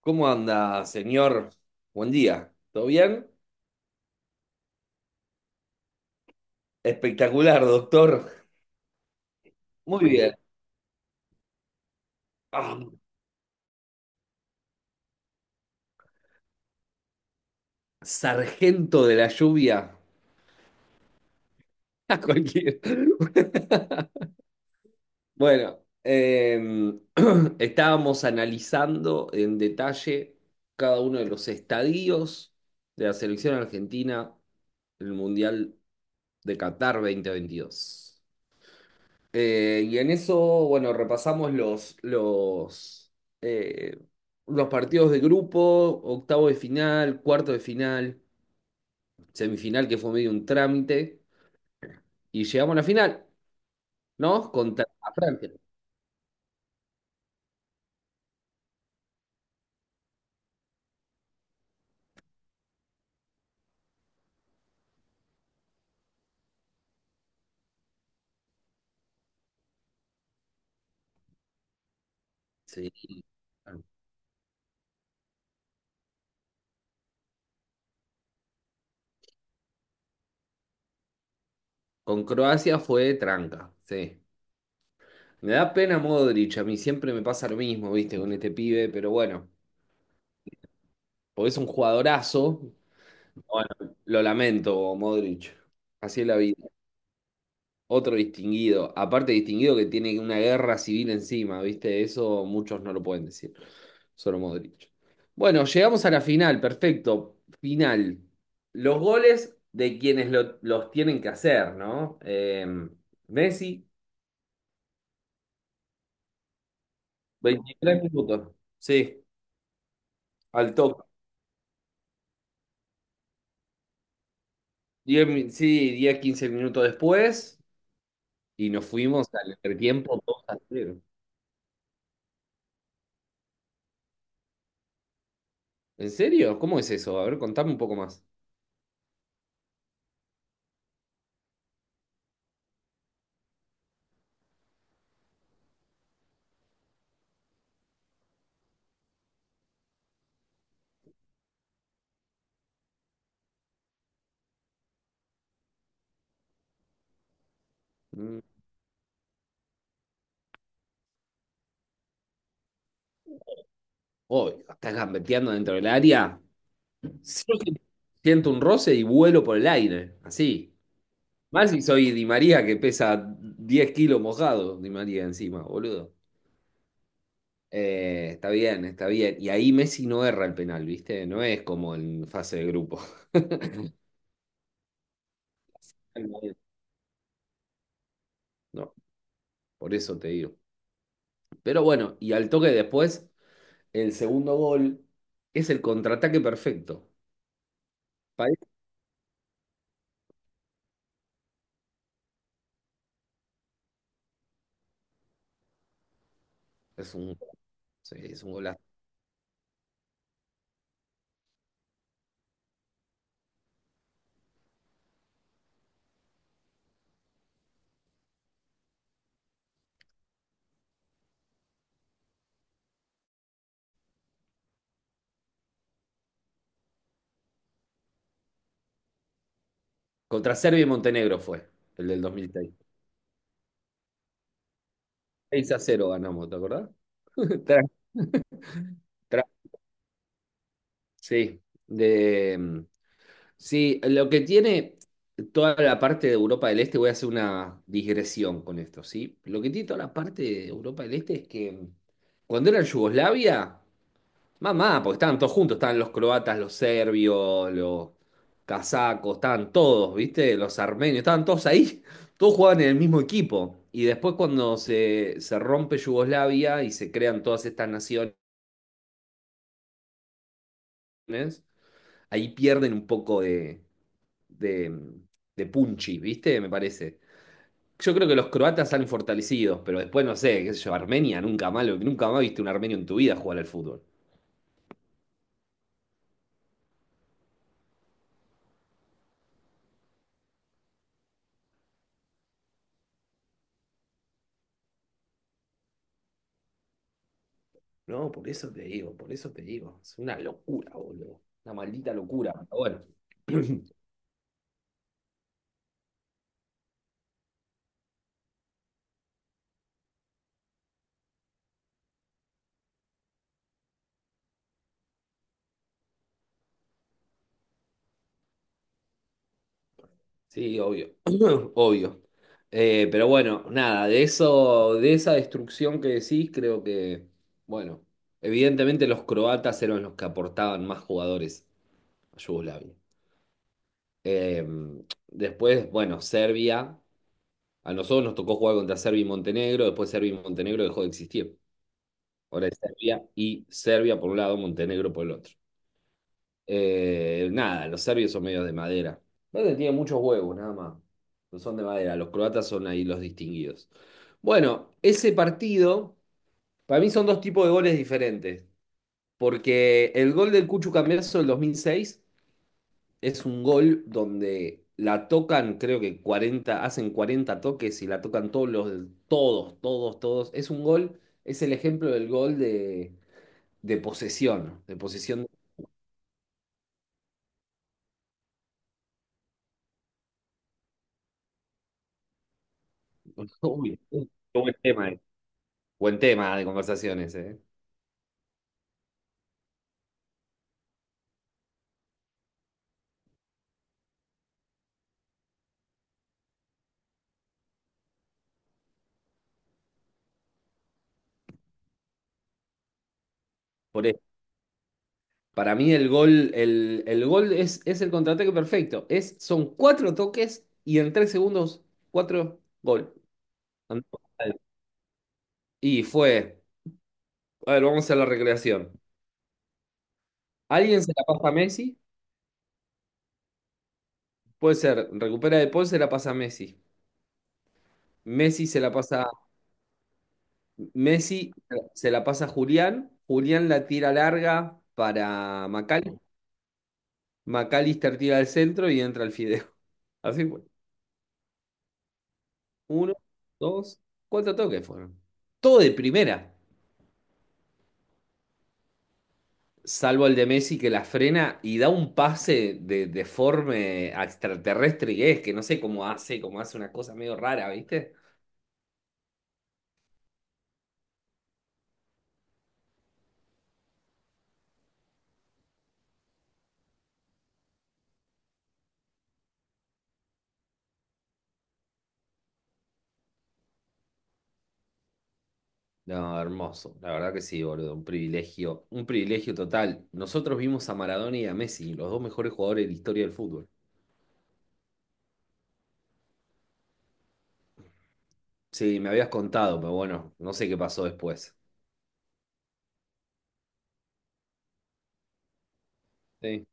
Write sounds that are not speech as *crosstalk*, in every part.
¿Cómo anda, señor? Buen día. ¿Todo bien? Espectacular, doctor. Muy bien. Ah, sargento de la lluvia. *laughs* A cualquier- Bueno, *clears throat* estábamos analizando en detalle cada uno de los estadios de la selección argentina en el Mundial de Qatar 2022. Y en eso, bueno, repasamos los, eh, los partidos de grupo, octavo de final, cuarto de final, semifinal, que fue medio un trámite, y llegamos a la final, ¿no? Contra Francia. Sí. Claro. Con Croacia fue tranca, sí. Me da pena Modric, a mí siempre me pasa lo mismo, viste, con este pibe, pero bueno, porque es un jugadorazo. Bueno, lo lamento, Modric. Así es la vida. Otro distinguido, aparte distinguido que tiene una guerra civil encima, ¿viste? Eso muchos no lo pueden decir, solo Modric. Bueno, llegamos a la final, perfecto, final. Los goles de quienes los tienen que hacer, ¿no? Messi, 23 minutos, sí, al toque. Sí, diez 15 minutos después y nos fuimos al entretiempo 2-0. ¿En serio? ¿Cómo es eso? A ver, contame un poco más. Mm. Oh, estás gambeteando dentro del área. Yo si siento un roce y vuelo por el aire, así. Más si soy Di María que pesa 10 kilos mojado, Di María encima, boludo. Está bien, está bien. Y ahí Messi no erra el penal, ¿viste? No es como en fase de grupo. *laughs* No, por eso te digo. Pero bueno, y al toque después, el segundo gol es el contraataque perfecto. Parece- Es un, sí, es un golazo. Contra Serbia y Montenegro fue, el del 2006, seis a cero ganamos, ¿te acordás? *laughs* Tranqui, sí, de, mm, sí, lo que tiene toda la parte de Europa del Este, voy a hacer una digresión con esto, ¿sí? Lo que tiene toda la parte de Europa del Este es que cuando era en Yugoslavia, mamá, porque estaban todos juntos, estaban los croatas, los serbios, los casacos, estaban todos, ¿viste? Los armenios, estaban todos ahí, *laughs* todos jugaban en el mismo equipo. Y después cuando se rompe Yugoslavia y se crean todas estas naciones, ahí pierden un poco de de, de punchi, ¿viste? Me parece. Yo creo que los croatas salen fortalecidos, pero después no sé, qué sé yo, Armenia, nunca más, nunca más viste un armenio en tu vida jugar al fútbol. No, por eso te digo, por eso te digo. Es una locura, boludo. Una maldita locura. Pero bueno. *clears throat* Sí, obvio. *clears throat* Obvio. Pero bueno, nada, de eso, de esa destrucción que decís, creo que, bueno, evidentemente los croatas eran los que aportaban más jugadores a Yugoslavia. Eh, Después, bueno, Serbia. A nosotros nos tocó jugar contra Serbia y Montenegro. Después Serbia y Montenegro dejó de existir. Ahora es Serbia y Serbia por un lado, Montenegro por el otro. Nada, los serbios son medios de madera. No te tienen muchos huevos, nada más. No son de madera. Los croatas son ahí los distinguidos. Bueno, ese partido, para mí son dos tipos de goles diferentes. Porque el gol del Cucho Cambiaso del 2006 es un gol donde la tocan, creo que 40 hacen 40 toques y la tocan todos los, todos, todos, todos. Es un gol, es el ejemplo del gol de posesión, de posesión. *laughs* Uy, qué buen tema, eh. Buen tema de conversaciones, eh. Por eso, para mí el gol, el gol es el contraataque perfecto. Es, son cuatro toques y en 3 segundos, cuatro gol. Y fue, a ver, vamos a la recreación. ¿Alguien se la pasa a Messi? Puede ser, recupera De Paul, se la pasa a Messi. Messi se la pasa, Messi se la pasa a Julián. Julián la tira larga para Macal. McAllister tira al centro y entra el fideo. *laughs* Así fue. Uno, dos, cuatro toques fueron. Todo de primera, salvo el de Messi que la frena y da un pase de forma extraterrestre que es, que no sé cómo hace una cosa medio rara, ¿viste? No, hermoso. La verdad que sí, boludo. Un privilegio. Un privilegio total. Nosotros vimos a Maradona y a Messi, los dos mejores jugadores de la historia del fútbol. Sí, me habías contado, pero bueno, no sé qué pasó después. Sí.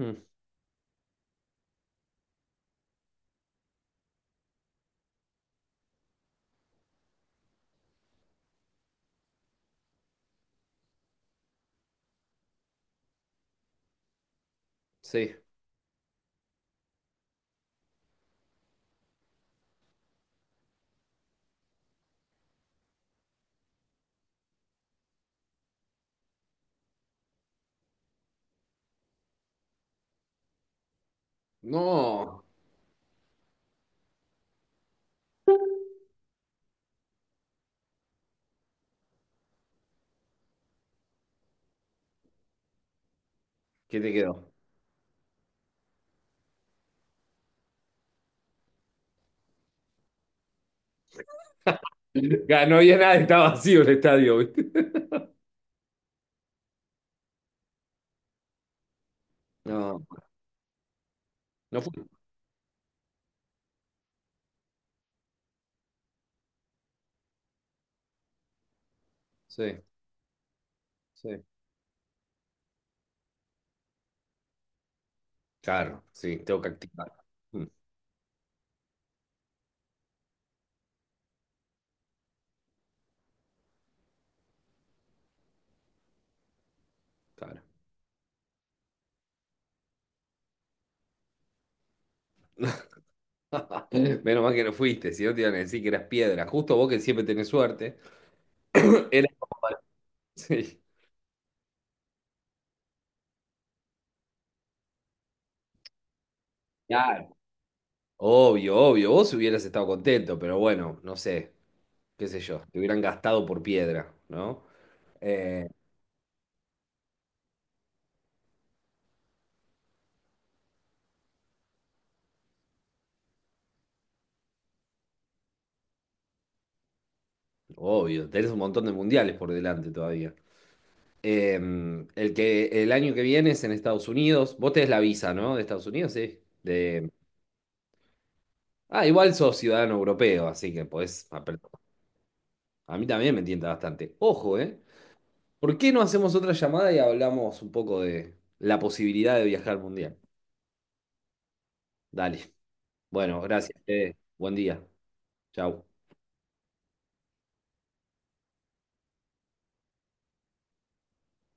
Mm, sí. No. ¿Qué te quedó? *laughs* Ya, no había nada, estaba vacío el estadio, ¿viste? *laughs* No, no fue. Sí, sí. Claro, sí, tengo que activar. Mm, claro. *laughs* Menos mal que no fuiste, si no te iban a decir que eras piedra. Justo vos que siempre tenés suerte. *clears throat* Eras como- *laughs* Sí. Claro. Obvio, obvio, vos hubieras estado contento, pero bueno, no sé, qué sé yo, te hubieran gastado por piedra, ¿no? Eh, Obvio, tenés un montón de mundiales por delante todavía. Eh, el que el año que viene es en Estados Unidos, vos tenés la visa, ¿no? De Estados Unidos, sí. De... Ah, igual sos ciudadano europeo, así que podés... aper- A mí también me tienta bastante. Ojo, ¿eh? ¿Por qué no hacemos otra llamada y hablamos un poco de la posibilidad de viajar al mundial? Dale. Bueno, gracias, Fede. Buen día. Chau.